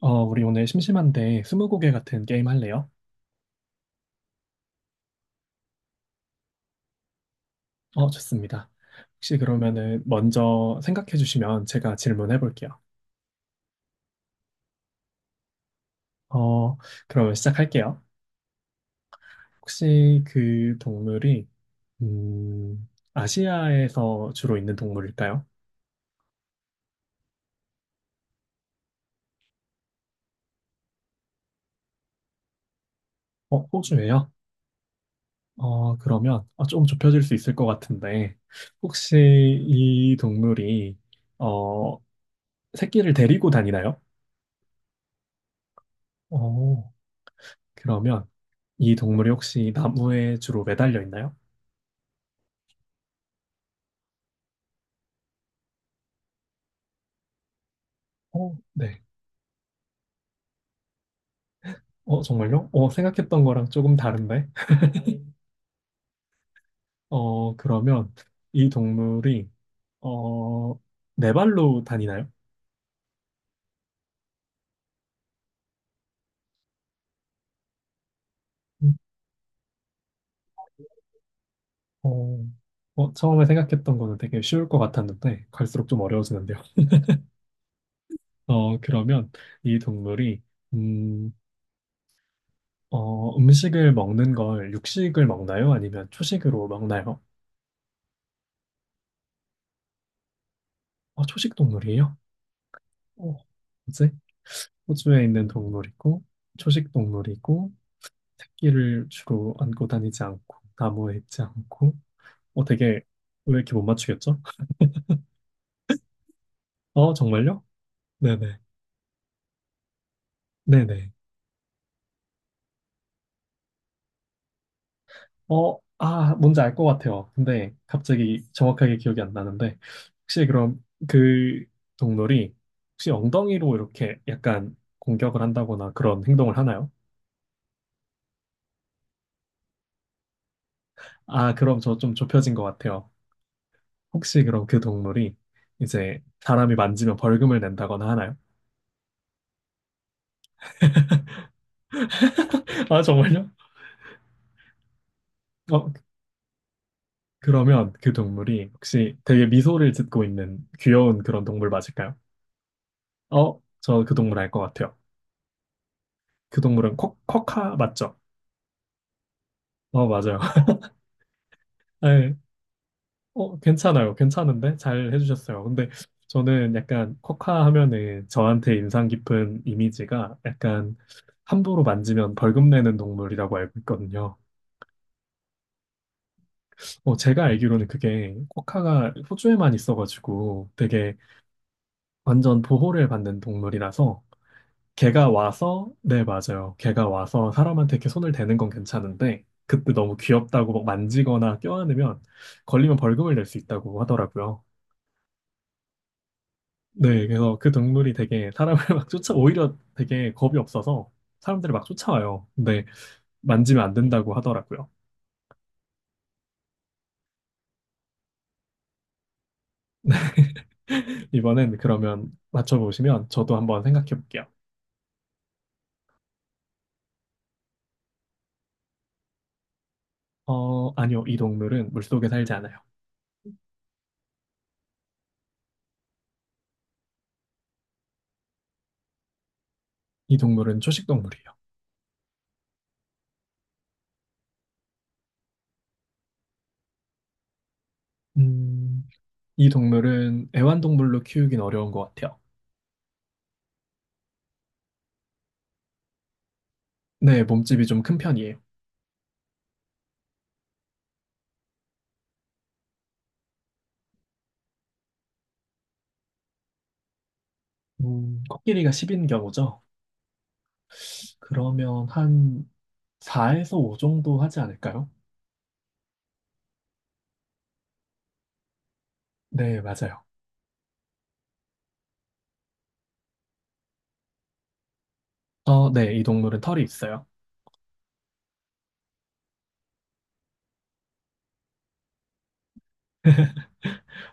우리 오늘 심심한데 스무고개 같은 게임 할래요? 좋습니다. 혹시 그러면은 먼저 생각해 주시면 제가 질문해 볼게요. 어, 그러면 시작할게요. 혹시 그 동물이 음, 아시아에서 주로 있는 동물일까요? 호주예요? 그러면 좀 좁혀질 수 있을 것 같은데 혹시 이 동물이 어, 새끼를 데리고 다니나요? 어, 그러면 이 동물이 혹시 나무에 주로 매달려 있나요? 네. 정말요? 생각했던 거랑 조금 다른데? 그러면 이 동물이, 어, 네 발로 다니나요? 음. 어, 처음에 생각했던 거는 되게 쉬울 것 같았는데, 갈수록 좀 어려워지는데요. 그러면 이 동물이, 음, 음식을 먹는 걸 육식을 먹나요? 아니면 초식으로 먹나요? 초식 동물이에요? 어, 뭐지? 호주에 있는 동물이고, 초식 동물이고, 새 끼를 주로 안고 다니지 않고 나무에 있지 않고 되게 왜 이렇게 못 맞추겠죠? 정말요? 네네 네네 아 뭔지 알 것 같아요. 근데 갑자기 정확하게 기억이 안 나는데 혹시 그럼 그 동물이 혹시 엉덩이로 이렇게 약간 공격을 한다거나 그런 행동을 하나요? 아 그럼 저 좀 좁혀진 것 같아요. 혹시 그럼 그 동물이 이제 사람이 만지면 벌금을 낸다거나 하나요? 아 정말요? 어 그러면 그 동물이 혹시 되게 미소를 짓고 있는 귀여운 그런 동물 맞을까요? 저 그 동물 알 것 같아요. 그 동물은 코카 맞죠? 맞아요. 네. 괜찮아요. 괜찮은데? 잘 해주셨어요. 근데 저는 약간 코카 하면은 저한테 인상 깊은 이미지가 약간 함부로 만지면 벌금 내는 동물이라고 알고 있거든요. 제가 알기로는 그게 코카가 호주에만 있어가지고 되게 완전 보호를 받는 동물이라서 걔가 와서, 네, 맞아요. 걔가 와서 사람한테 이렇게 손을 대는 건 괜찮은데, 그때 너무 귀엽다고 막 만지거나 껴안으면 걸리면 벌금을 낼 수 있다고 하더라고요. 네, 그래서 그 동물이 되게 사람을 막 쫓아, 오히려 되게 겁이 없어서 사람들이 막 쫓아와요. 근데 만지면 안 된다고 하더라고요. 이번엔 그러면 맞춰보시면 저도 한번 생각해 볼게요. 아니요. 이 동물은 물속에 살지 않아요. 이 동물은 초식 동물이에요. 음, 이 동물은 애완동물로 키우긴 어려운 것 같아요. 네, 몸집이 좀 큰 편이에요. 코끼리가 10인 경우죠. 그러면 한 4에서 5 정도 하지 않을까요? 네, 맞아요. 네, 이 동물은 털이 있어요.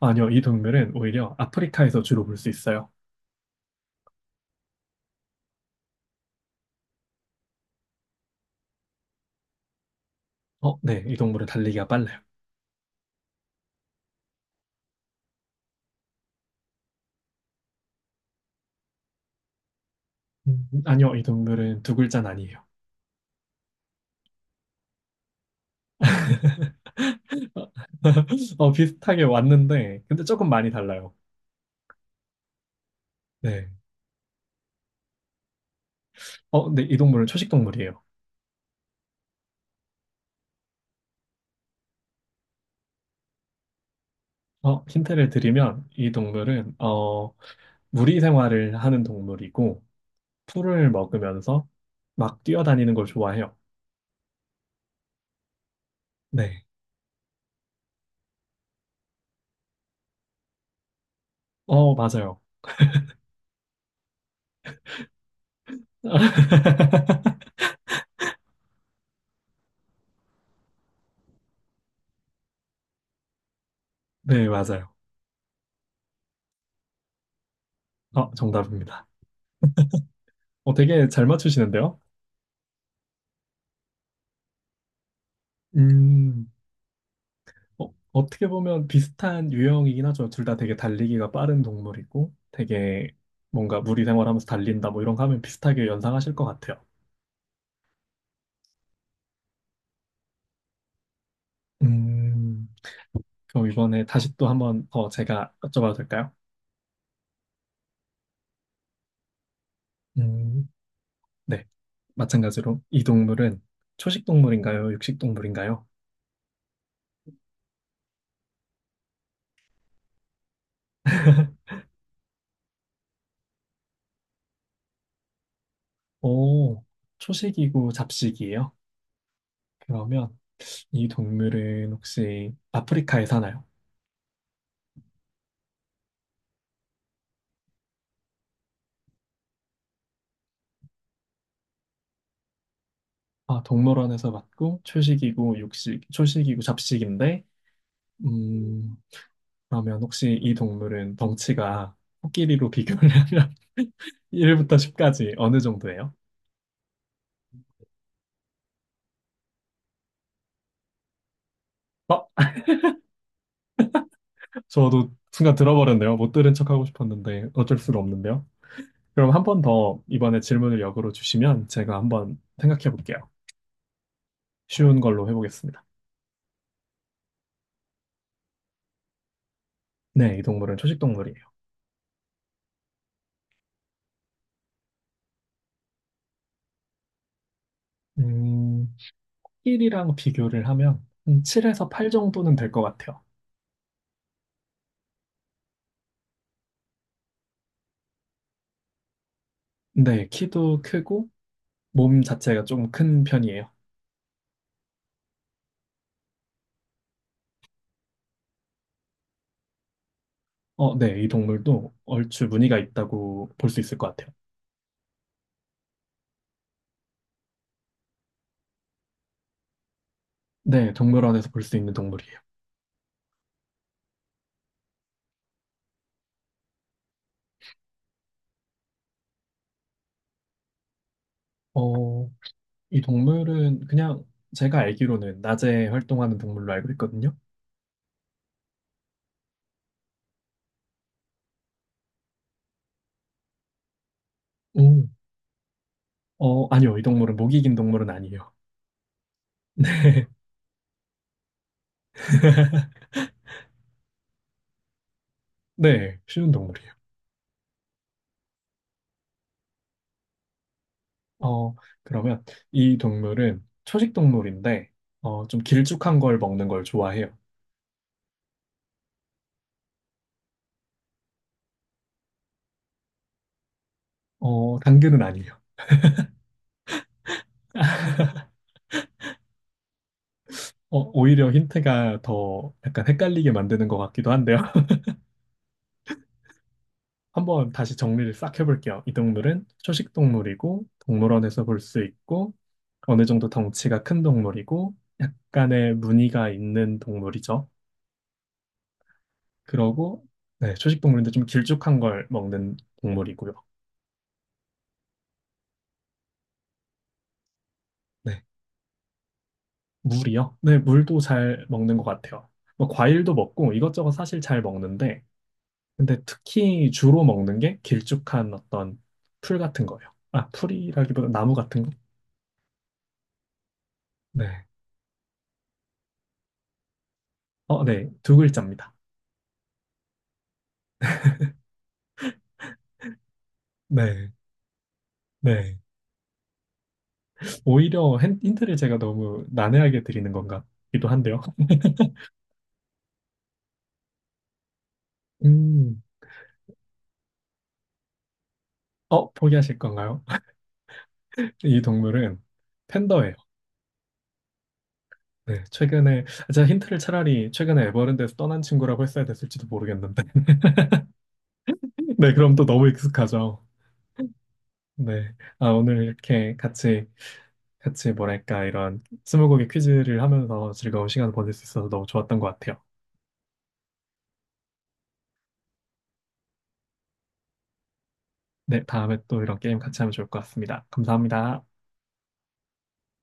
아니요, 이 동물은 오히려 아프리카에서 주로 볼 수 있어요. 네, 이 동물은 달리기가 빨라요. 아니요, 이 동물은 두 글자는 아니에요. 비슷하게 왔는데, 근데 조금 많이 달라요. 네. 근데 이 동물은 초식 동물이에요. 힌트를 드리면, 이 동물은, 무리 생활을 하는 동물이고, 풀을 먹으면서 막 뛰어다니는 걸 좋아해요. 네. 맞아요. 네, 맞아요. 정답입니다. 되게 잘 맞추시는데요? 음, 어떻게 보면 비슷한 유형이긴 하죠. 둘 다 되게 달리기가 빠른 동물이고, 되게 뭔가 무리 생활하면서 달린다, 뭐 이런 거 하면 비슷하게 연상하실 것 같아요. 음, 그럼 이번에 다시 또 한번 더 제가 여쭤봐도 될까요? 음, 네. 마찬가지로 이 동물은 초식 동물인가요? 육식 동물인가요? 오, 초식이고 잡식이에요? 그러면 이 동물은 혹시 아프리카에 사나요? 아, 동물원에서 봤고 초식이고 초식이고 잡식인데, 음, 그러면 혹시 이 동물은 덩치가 코끼리로 비교를 하면 1부터 10까지 어느 정도예요? 어? 저도 순간 들어버렸네요. 못 들은 척하고 싶었는데 어쩔 수가 없는데요. 그럼 한 번 더 이번에 질문을 역으로 주시면 제가 한번 생각해 볼게요. 쉬운 걸로 해보겠습니다. 네, 이 동물은 초식 동물이에요. 음, 힐이랑 비교를 하면 한 7에서 8 정도는 될 것 같아요. 네, 키도 크고 몸 자체가 좀 큰 편이에요. 네, 이 동물도 얼추 무늬가 있다고 볼 수 있을 것 같아요. 네, 동물원에서 볼 수 있는 동물이에요. 어, 이 동물은 그냥 제가 알기로는 낮에 활동하는 동물로 알고 있거든요. 오. 아니요, 이 동물은 목이 긴 동물은 아니에요. 네, 쉬운 동물이에요. 어, 그러면 이 동물은 초식 동물인데, 좀 길쭉한 걸 먹는 걸 좋아해요. 당근은 아니에요. 오히려 힌트가 더 약간 헷갈리게 만드는 것 같기도 한데요. 한번 다시 정리를 싹 해볼게요. 이 동물은 초식 동물이고, 동물원에서 볼 수 있고, 어느 정도 덩치가 큰 동물이고, 약간의 무늬가 있는 동물이죠. 그러고, 네, 초식 동물인데 좀 길쭉한 걸 먹는 동물이고요. 네. 물이요? 네, 물도 잘 먹는 것 같아요. 뭐 과일도 먹고 이것저것 사실 잘 먹는데, 근데 특히 주로 먹는 게 길쭉한 어떤 풀 같은 거예요. 아, 풀이라기보다 나무 같은 거? 네. 네. 두 글자입니다. 네. 네. 오히려 힌트를 제가 너무 난해하게 드리는 건가? 기도 한데요. 음, 포기하실 건가요? 이 동물은 팬더예요. 네, 최근에, 제가 힌트를 차라리 최근에 에버랜드에서 떠난 친구라고 했어야 됐을지도 모르겠는데. 네, 그럼 또 너무 익숙하죠. 네. 아, 오늘 이렇게 같이, 뭐랄까, 이런 스무고개 퀴즈를 하면서 즐거운 시간 을 보낼 수 있어서 너무 좋았던 것 같아요. 네, 다음에 또 이런 게임 같이 하면 좋을 것 같습니다. 감사합니다.